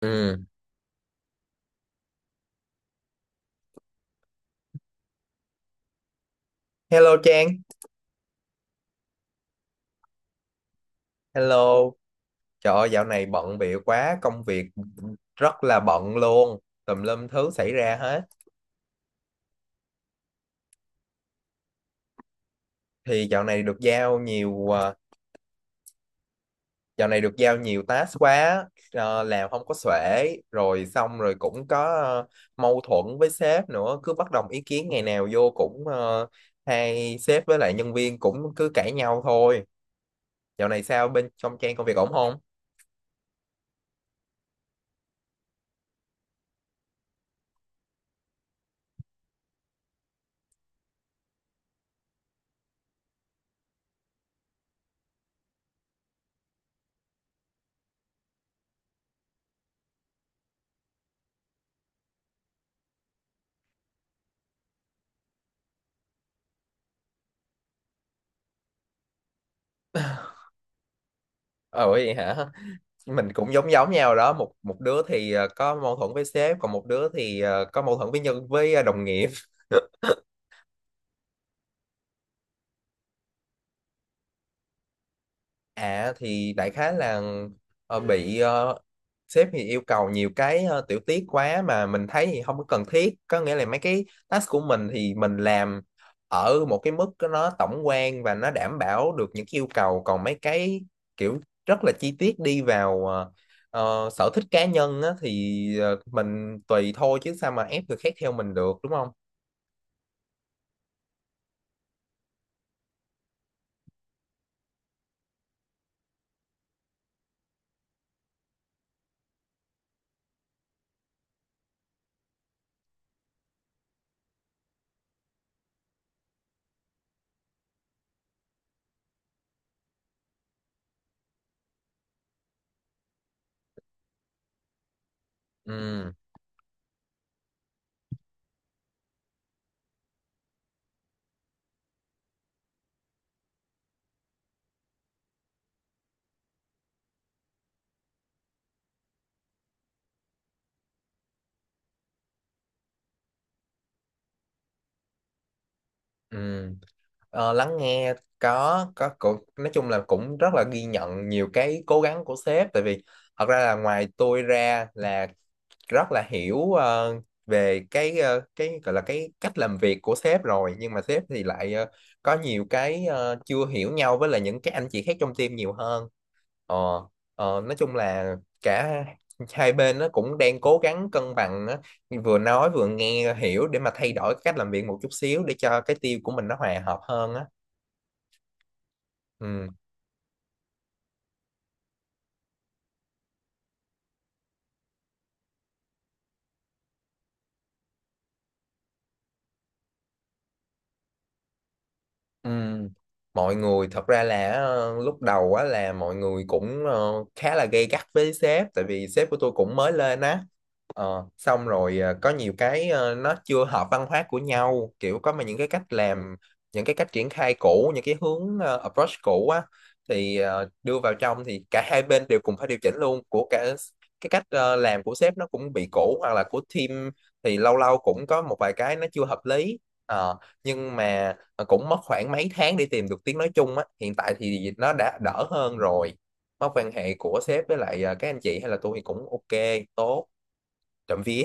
Ừ. Hello Trang, hello. Trời ơi, dạo này bận bịu quá, công việc rất là bận luôn, tùm lum thứ xảy ra hết. Thì dạo này được giao nhiều, dạo này được giao nhiều task quá, làm không có xuể, rồi xong rồi cũng có mâu thuẫn với sếp nữa, cứ bất đồng ý kiến ngày nào vô cũng hay sếp với lại nhân viên cũng cứ cãi nhau thôi. Dạo này sao bên trong Trang công việc ổn không? Ờ vậy hả? Mình cũng giống giống nhau đó, một một đứa thì có mâu thuẫn với sếp, còn một đứa thì có mâu thuẫn với nhân với đồng nghiệp. À thì đại khái là ờ, bị ờ, sếp thì yêu cầu nhiều cái tiểu tiết quá mà mình thấy thì không có cần thiết, có nghĩa là mấy cái task của mình thì mình làm ở một cái mức nó tổng quan và nó đảm bảo được những cái yêu cầu, còn mấy cái kiểu rất là chi tiết đi vào sở thích cá nhân á, thì mình tùy thôi chứ sao mà ép người khác theo mình được đúng không. Ừ, ừ. Ờ, lắng nghe có cũng nói chung là cũng rất là ghi nhận nhiều cái cố gắng của sếp, tại vì thật ra là ngoài tôi ra là rất là hiểu về cái cái gọi là cái cách làm việc của sếp rồi, nhưng mà sếp thì lại có nhiều cái chưa hiểu nhau với là những cái anh chị khác trong team nhiều hơn. Ờ, nói chung là cả hai bên nó cũng đang cố gắng cân bằng á, vừa nói vừa nghe hiểu để mà thay đổi cách làm việc một chút xíu để cho cái team của mình nó hòa hợp hơn á. Ừ, ừ. Mọi người thật ra là lúc đầu á là mọi người cũng khá là gay gắt với sếp, tại vì sếp của tôi cũng mới lên á. Xong rồi có nhiều cái nó chưa hợp văn hóa của nhau, kiểu có mà những cái cách làm, những cái cách triển khai cũ, những cái hướng approach cũ á thì đưa vào trong thì cả hai bên đều cùng phải điều chỉnh luôn, của cả cái cách làm của sếp nó cũng bị cũ, hoặc là của team thì lâu lâu cũng có một vài cái nó chưa hợp lý. Ờ, nhưng mà cũng mất khoảng mấy tháng để tìm được tiếng nói chung á, hiện tại thì nó đã đỡ hơn rồi, mối quan hệ của sếp với lại các anh chị hay là tôi thì cũng ok, tốt, trộm vía.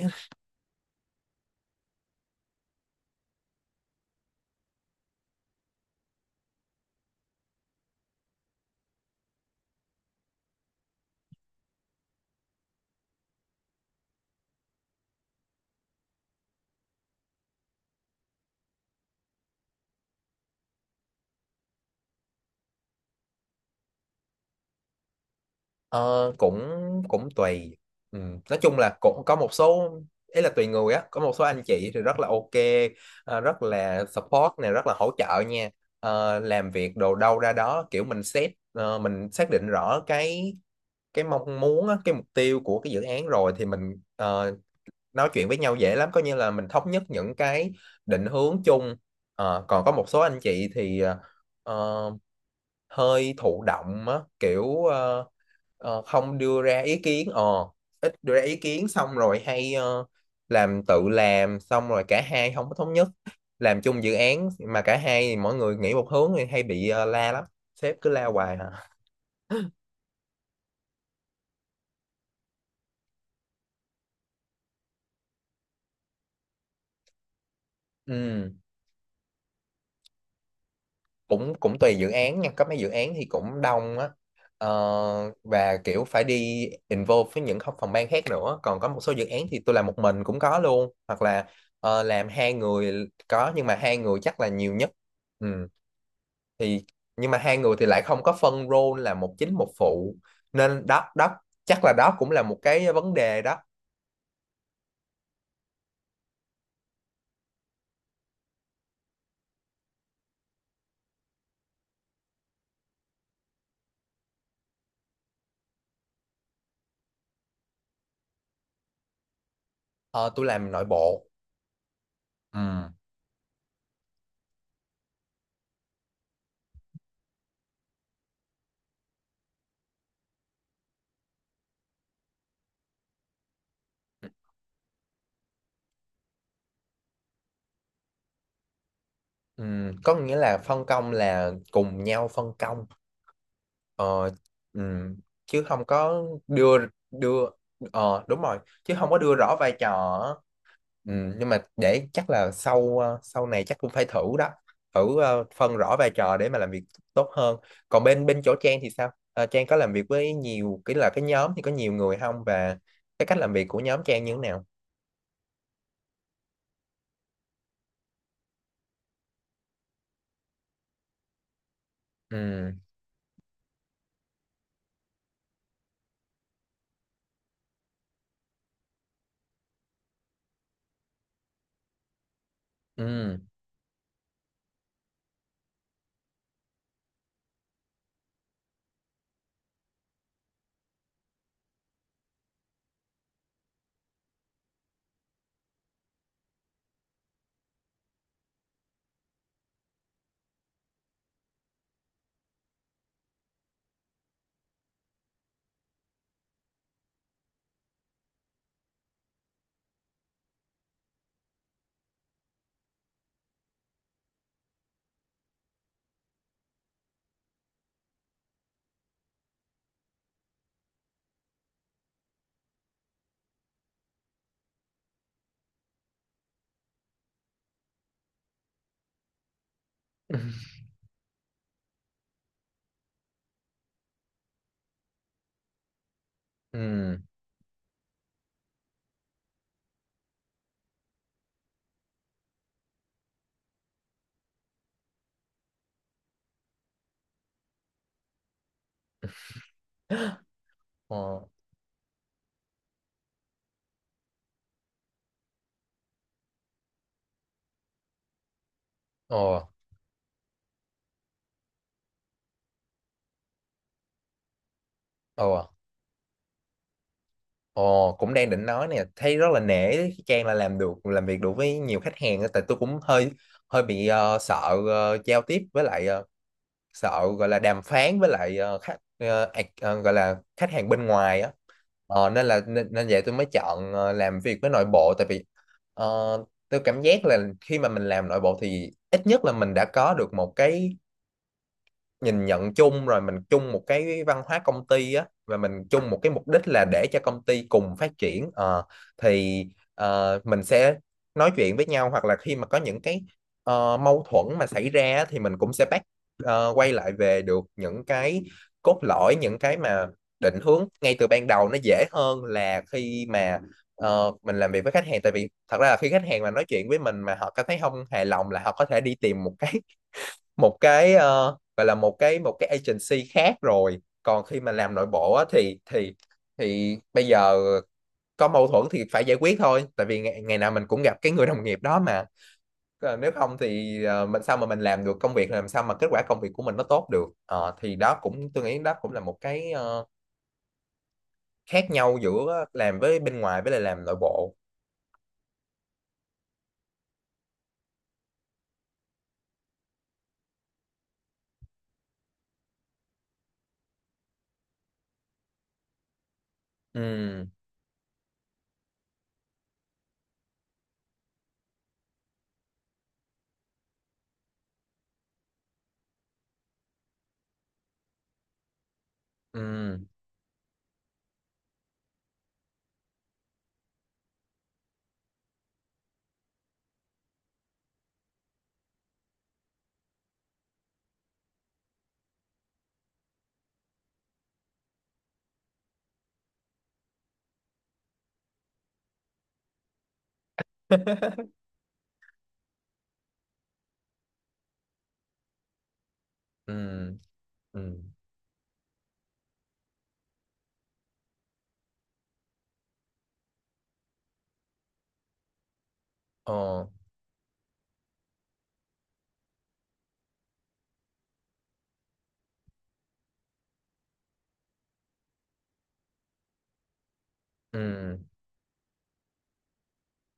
Ờ, cũng Cũng tùy. Ừ. Nói chung là cũng có một số, ý là tùy người á, có một số anh chị thì rất là ok, rất là support này, rất là hỗ trợ nha. Ờ, làm việc đồ đâu ra đó, kiểu mình xét mình xác định rõ cái mong muốn á, cái mục tiêu của cái dự án rồi thì mình nói chuyện với nhau dễ lắm, coi như là mình thống nhất những cái định hướng chung. Ờ, còn có một số anh chị thì ờ, hơi thụ động á, kiểu không đưa ra ý kiến, ít đưa ra ý kiến, xong rồi hay làm tự làm xong rồi cả hai không có thống nhất, làm chung dự án mà cả hai mỗi người nghĩ một hướng thì hay bị la lắm, sếp cứ la hoài hả? Ừ. cũng cũng tùy dự án nha, có mấy dự án thì cũng đông á. Ờ, và kiểu phải đi involve với những phòng ban khác nữa, còn có một số dự án thì tôi làm một mình cũng có luôn, hoặc là làm hai người có, nhưng mà hai người chắc là nhiều nhất. Ừ. Thì nhưng mà hai người thì lại không có phân role là một chính một phụ, nên đó đó chắc là đó cũng là một cái vấn đề đó. Ờ, tôi làm nội bộ. Ừ. Ừ. Có nghĩa là phân công là cùng nhau phân công. Ờ, ừm, Chứ không có đưa đưa ờ đúng rồi, chứ không có đưa rõ vai trò á. Nhưng mà để chắc là sau sau này chắc cũng phải thử đó, thử phân rõ vai trò để mà làm việc tốt hơn. Còn bên bên chỗ Trang thì sao? Ờ, Trang có làm việc với nhiều cái là cái nhóm thì có nhiều người không, và cái cách làm việc của nhóm Trang như thế nào? Ừ. Ừ. Ừ. ờ ờ ờ Ồ, cũng đang định nói nè, thấy rất là nể đấy, khi Trang là làm được, làm việc được với nhiều khách hàng á, tại tôi cũng hơi hơi bị sợ giao tiếp với lại sợ gọi là đàm phán với lại ờ, khách ờ, ac- ờ, gọi là khách hàng bên ngoài á. Ờ, nên là nên, nên vậy tôi mới chọn làm việc với nội bộ, tại vì ờ, tôi cảm giác là khi mà mình làm nội bộ thì ít nhất là mình đã có được một cái nhìn nhận chung rồi, mình chung một cái văn hóa công ty á, và mình chung một cái mục đích là để cho công ty cùng phát triển. Ờ, thì mình sẽ nói chuyện với nhau, hoặc là khi mà có những cái mâu thuẫn mà xảy ra á, thì mình cũng sẽ back quay lại về được những cái cốt lõi, những cái mà định hướng ngay từ ban đầu, nó dễ hơn là khi mà mình làm việc với khách hàng, tại vì thật ra là khi khách hàng mà nói chuyện với mình mà họ cảm thấy không hài lòng là họ có thể đi tìm một cái gọi là một cái agency khác rồi. Còn khi mà làm nội bộ á, thì bây giờ có mâu thuẫn thì phải giải quyết thôi, tại vì ngày nào mình cũng gặp cái người đồng nghiệp đó mà. Ờ, nếu không thì mình sao mà mình làm được công việc, làm sao mà kết quả công việc của mình nó tốt được. Ờ, thì đó, cũng tôi nghĩ đó cũng là một cái khác nhau giữa làm với bên ngoài với lại làm nội bộ. Ừ. Ừ. Ừ. ừ ờ ừ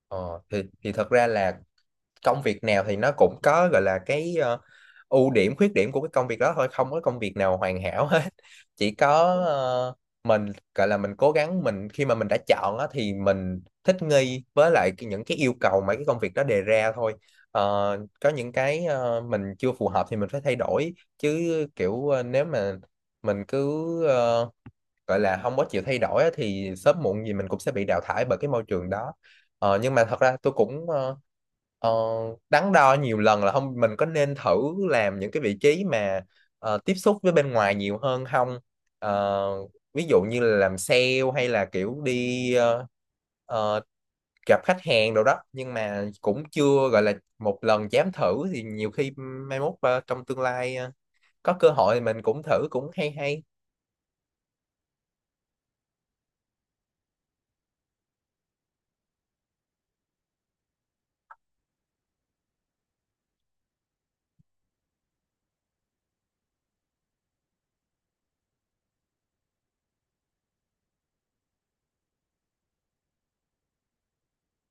ờ thì thật ra là công việc nào thì nó cũng có gọi là cái ưu điểm khuyết điểm của cái công việc đó thôi, không có công việc nào hoàn hảo hết. Chỉ có mình gọi là mình cố gắng khi mà mình đã chọn á, thì mình thích nghi với lại những cái yêu cầu mà cái công việc đó đề ra thôi. Ờ, có những cái mình chưa phù hợp thì mình phải thay đổi chứ, kiểu nếu mà mình cứ ờ, gọi là không có chịu thay đổi á, thì sớm muộn gì mình cũng sẽ bị đào thải bởi cái môi trường đó. Ờ, nhưng mà thật ra tôi cũng ờ, đắn đo nhiều lần là không mình có nên thử làm những cái vị trí mà tiếp xúc với bên ngoài nhiều hơn không. Ờ, ví dụ như là làm sale, hay là kiểu đi ờ, gặp khách hàng đồ đó, nhưng mà cũng chưa gọi là một lần dám thử, thì nhiều khi mai mốt trong tương lai có cơ hội thì mình cũng thử cũng hay hay.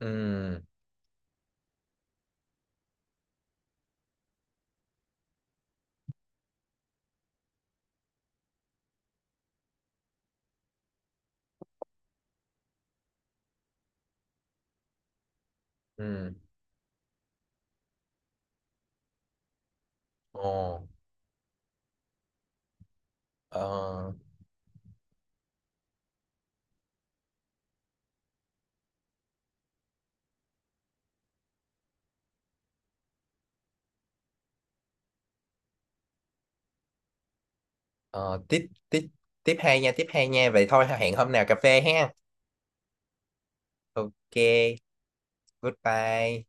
Ừ. Ừ. Ồ, ờ, ờ, tiếp tiếp tiếp hai nha, tiếp hai nha. Vậy thôi hẹn hôm nào cà phê ha. Ok, goodbye.